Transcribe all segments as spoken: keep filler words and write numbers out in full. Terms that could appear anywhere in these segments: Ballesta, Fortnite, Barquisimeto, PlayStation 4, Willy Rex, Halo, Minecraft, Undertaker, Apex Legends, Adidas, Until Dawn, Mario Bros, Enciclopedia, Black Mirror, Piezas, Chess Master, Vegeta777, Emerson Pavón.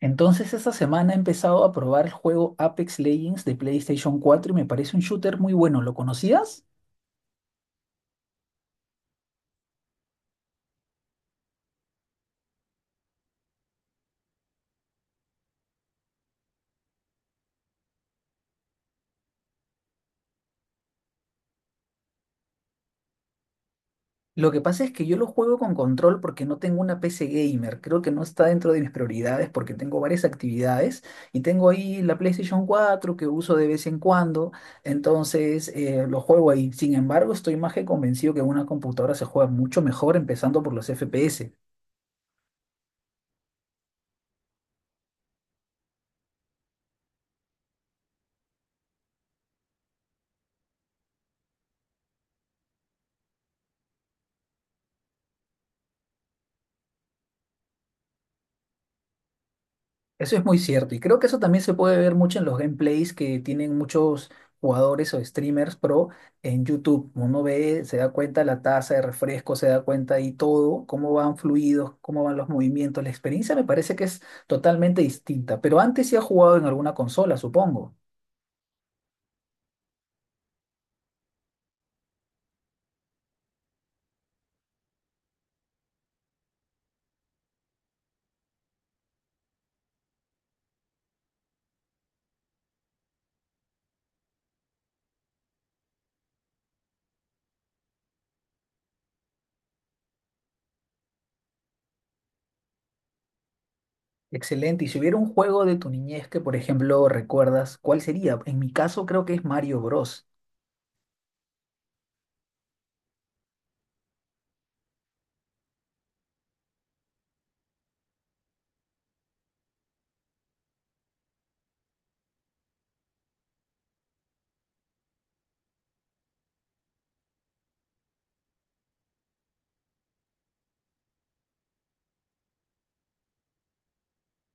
Entonces esta semana he empezado a probar el juego Apex Legends de PlayStation cuatro y me parece un shooter muy bueno. ¿Lo conocías? Lo que pasa es que yo lo juego con control porque no tengo una P C gamer. Creo que no está dentro de mis prioridades porque tengo varias actividades y tengo ahí la PlayStation cuatro que uso de vez en cuando. Entonces eh, lo juego ahí. Sin embargo, estoy más que convencido que en una computadora se juega mucho mejor empezando por los F P S. Eso es muy cierto y creo que eso también se puede ver mucho en los gameplays que tienen muchos jugadores o streamers pro en YouTube. Uno ve, se da cuenta la tasa de refresco, se da cuenta ahí todo, cómo van fluidos, cómo van los movimientos. La experiencia me parece que es totalmente distinta, pero antes sí ha jugado en alguna consola, supongo. Excelente. Y si hubiera un juego de tu niñez que, por ejemplo, recuerdas, ¿cuál sería? En mi caso creo que es Mario Bros.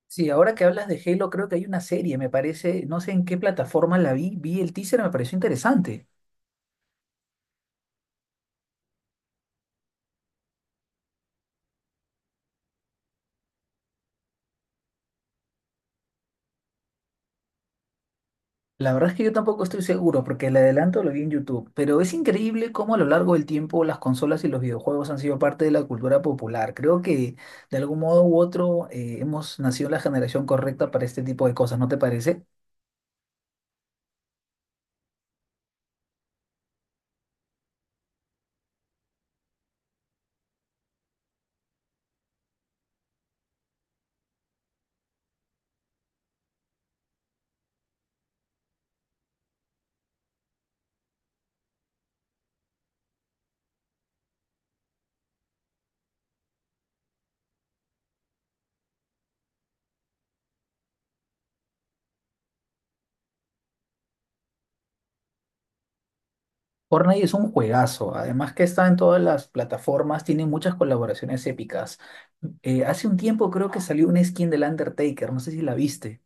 Sí, ahora que hablas de Halo, creo que hay una serie, me parece, no sé en qué plataforma la vi, vi el teaser, me pareció interesante. La verdad es que yo tampoco estoy seguro, porque el adelanto lo vi en YouTube, pero es increíble cómo a lo largo del tiempo las consolas y los videojuegos han sido parte de la cultura popular. Creo que de algún modo u otro eh, hemos nacido en la generación correcta para este tipo de cosas, ¿no te parece? Fortnite es un juegazo, además que está en todas las plataformas, tiene muchas colaboraciones épicas. Eh, hace un tiempo creo que salió una skin del Undertaker, no sé si la viste.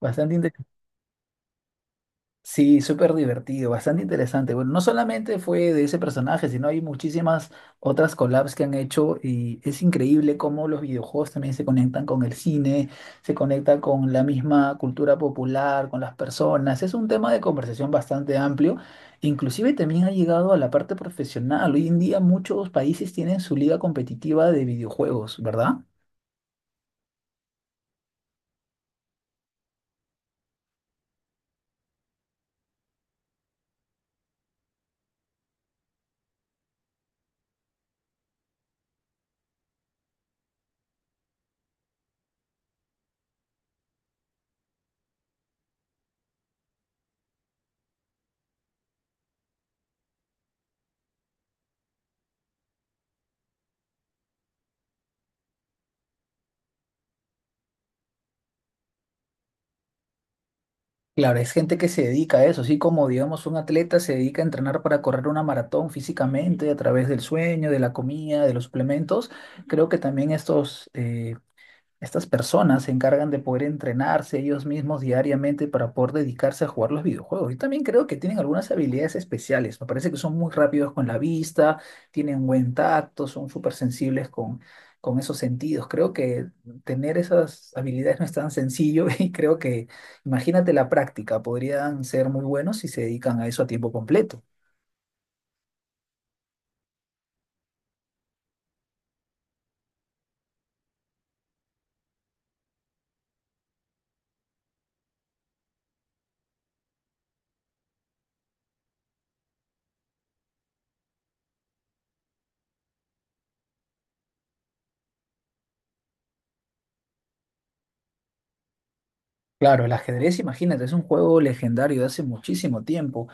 Bastante interesante. Sí, súper divertido, bastante interesante. Bueno, no solamente fue de ese personaje, sino hay muchísimas otras collabs que han hecho y es increíble cómo los videojuegos también se conectan con el cine, se conecta con la misma cultura popular, con las personas. Es un tema de conversación bastante amplio. Inclusive también ha llegado a la parte profesional. Hoy en día muchos países tienen su liga competitiva de videojuegos, ¿verdad? Claro, es gente que se dedica a eso, así como digamos un atleta se dedica a entrenar para correr una maratón físicamente a través del sueño, de la comida, de los suplementos, creo que también estos eh, estas personas se encargan de poder entrenarse ellos mismos diariamente para poder dedicarse a jugar los videojuegos. Y también creo que tienen algunas habilidades especiales. Me parece que son muy rápidos con la vista, tienen buen tacto, son súper sensibles con, con esos sentidos. Creo que tener esas habilidades no es tan sencillo y creo que, imagínate la práctica, podrían ser muy buenos si se dedican a eso a tiempo completo. Claro, el ajedrez, imagínate, es un juego legendario de hace muchísimo tiempo.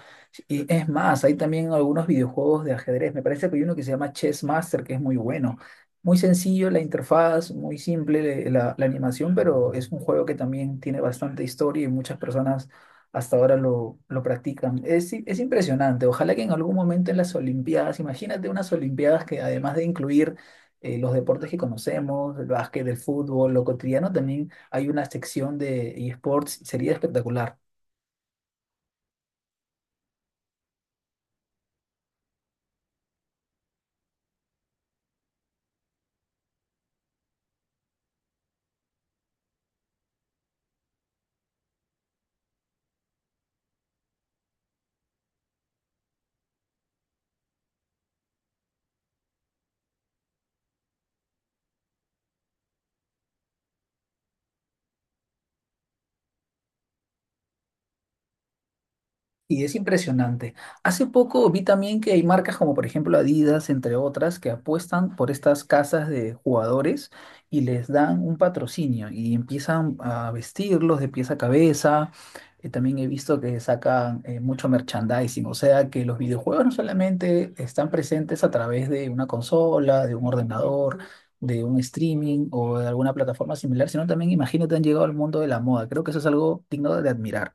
Y es más, hay también algunos videojuegos de ajedrez. Me parece que hay uno que se llama Chess Master, que es muy bueno. Muy sencillo la interfaz, muy simple la, la animación, pero es un juego que también tiene bastante historia y muchas personas hasta ahora lo, lo practican. Es, i- es impresionante. Ojalá que en algún momento en las Olimpiadas, imagínate unas Olimpiadas que además de incluir eh, los deportes que conocemos, el básquet, el fútbol, lo cotidiano, también hay una sección de eSports, sería espectacular. Y es impresionante. Hace poco vi también que hay marcas como por ejemplo Adidas, entre otras, que apuestan por estas casas de jugadores y les dan un patrocinio y empiezan a vestirlos de pies a cabeza. Eh, también he visto que sacan eh, mucho merchandising, o sea que los videojuegos no solamente están presentes a través de una consola, de un ordenador, de un streaming o de alguna plataforma similar, sino también imagino que han llegado al mundo de la moda. Creo que eso es algo digno de admirar.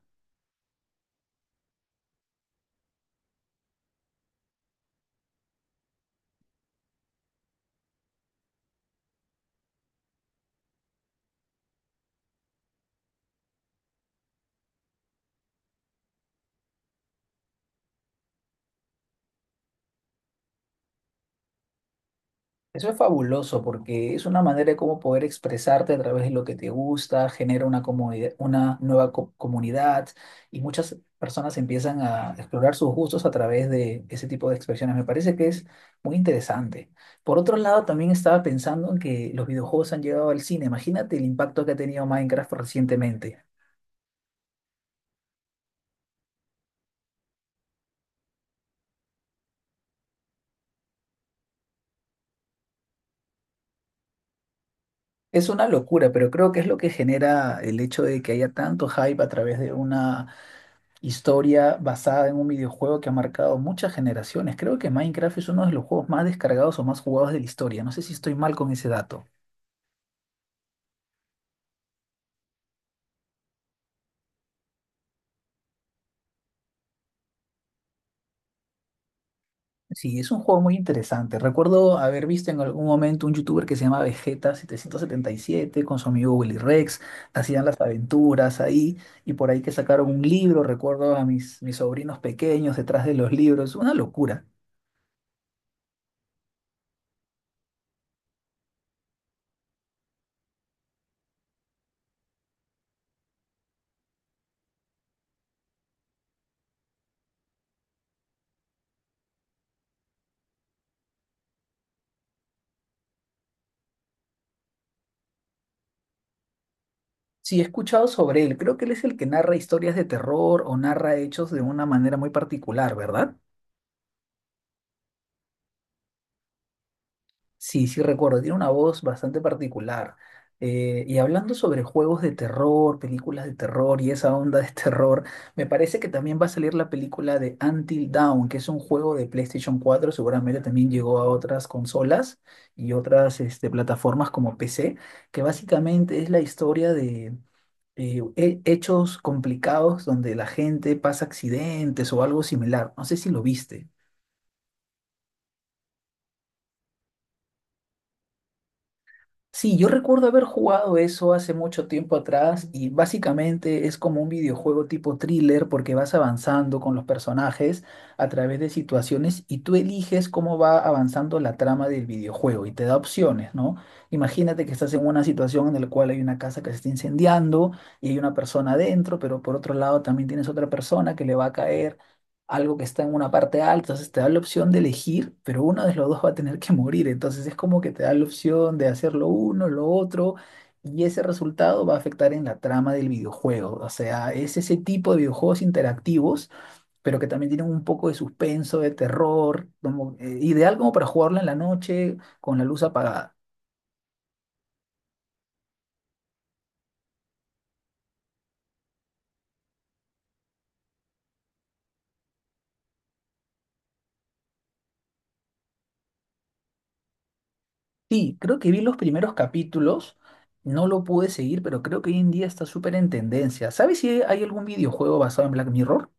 Eso es fabuloso porque es una manera de cómo poder expresarte a través de lo que te gusta, genera una comodidad- una nueva co- comunidad y muchas personas empiezan a explorar sus gustos a través de ese tipo de expresiones. Me parece que es muy interesante. Por otro lado, también estaba pensando en que los videojuegos han llegado al cine. Imagínate el impacto que ha tenido Minecraft recientemente. Es una locura, pero creo que es lo que genera el hecho de que haya tanto hype a través de una historia basada en un videojuego que ha marcado muchas generaciones. Creo que Minecraft es uno de los juegos más descargados o más jugados de la historia. No sé si estoy mal con ese dato. Sí, es un juego muy interesante. Recuerdo haber visto en algún momento un youtuber que se llama Vegeta siete siete siete con su amigo Willy Rex. Hacían las aventuras ahí y por ahí que sacaron un libro. Recuerdo a mis, mis sobrinos pequeños detrás de los libros. Una locura. Sí, he escuchado sobre él. Creo que él es el que narra historias de terror o narra hechos de una manera muy particular, ¿verdad? Sí, sí recuerdo, tiene una voz bastante particular. Eh, y hablando sobre juegos de terror, películas de terror y esa onda de terror, me parece que también va a salir la película de Until Dawn, que es un juego de PlayStation cuatro. Seguramente también llegó a otras consolas y otras este, plataformas como P C, que básicamente es la historia de eh, he- hechos complicados donde la gente pasa accidentes o algo similar. No sé si lo viste. Sí, yo recuerdo haber jugado eso hace mucho tiempo atrás y básicamente es como un videojuego tipo thriller porque vas avanzando con los personajes a través de situaciones y tú eliges cómo va avanzando la trama del videojuego y te da opciones, ¿no? Imagínate que estás en una situación en la cual hay una casa que se está incendiando y hay una persona adentro, pero por otro lado también tienes otra persona que le va a caer algo que está en una parte alta, entonces te da la opción de elegir, pero uno de los dos va a tener que morir, entonces es como que te da la opción de hacer lo uno, lo otro, y ese resultado va a afectar en la trama del videojuego, o sea, es ese tipo de videojuegos interactivos, pero que también tienen un poco de suspenso, de terror, como, eh, ideal como para jugarlo en la noche con la luz apagada. Sí, creo que vi los primeros capítulos. No lo pude seguir, pero creo que hoy en día está súper en tendencia. ¿Sabes si hay algún videojuego basado en Black Mirror?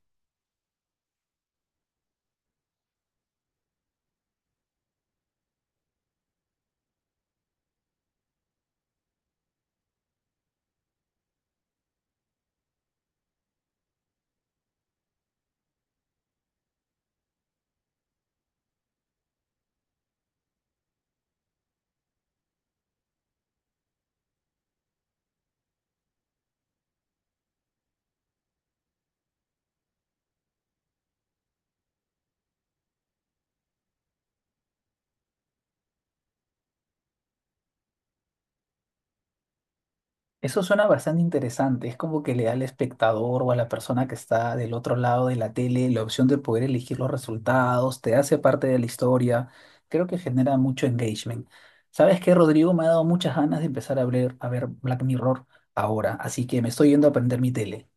Eso suena bastante interesante. Es como que le da al espectador o a la persona que está del otro lado de la tele la opción de poder elegir los resultados, te hace parte de la historia. Creo que genera mucho engagement. ¿Sabes qué, Rodrigo? Me ha dado muchas ganas de empezar a ver, a ver, Black Mirror ahora, así que me estoy yendo a prender mi tele.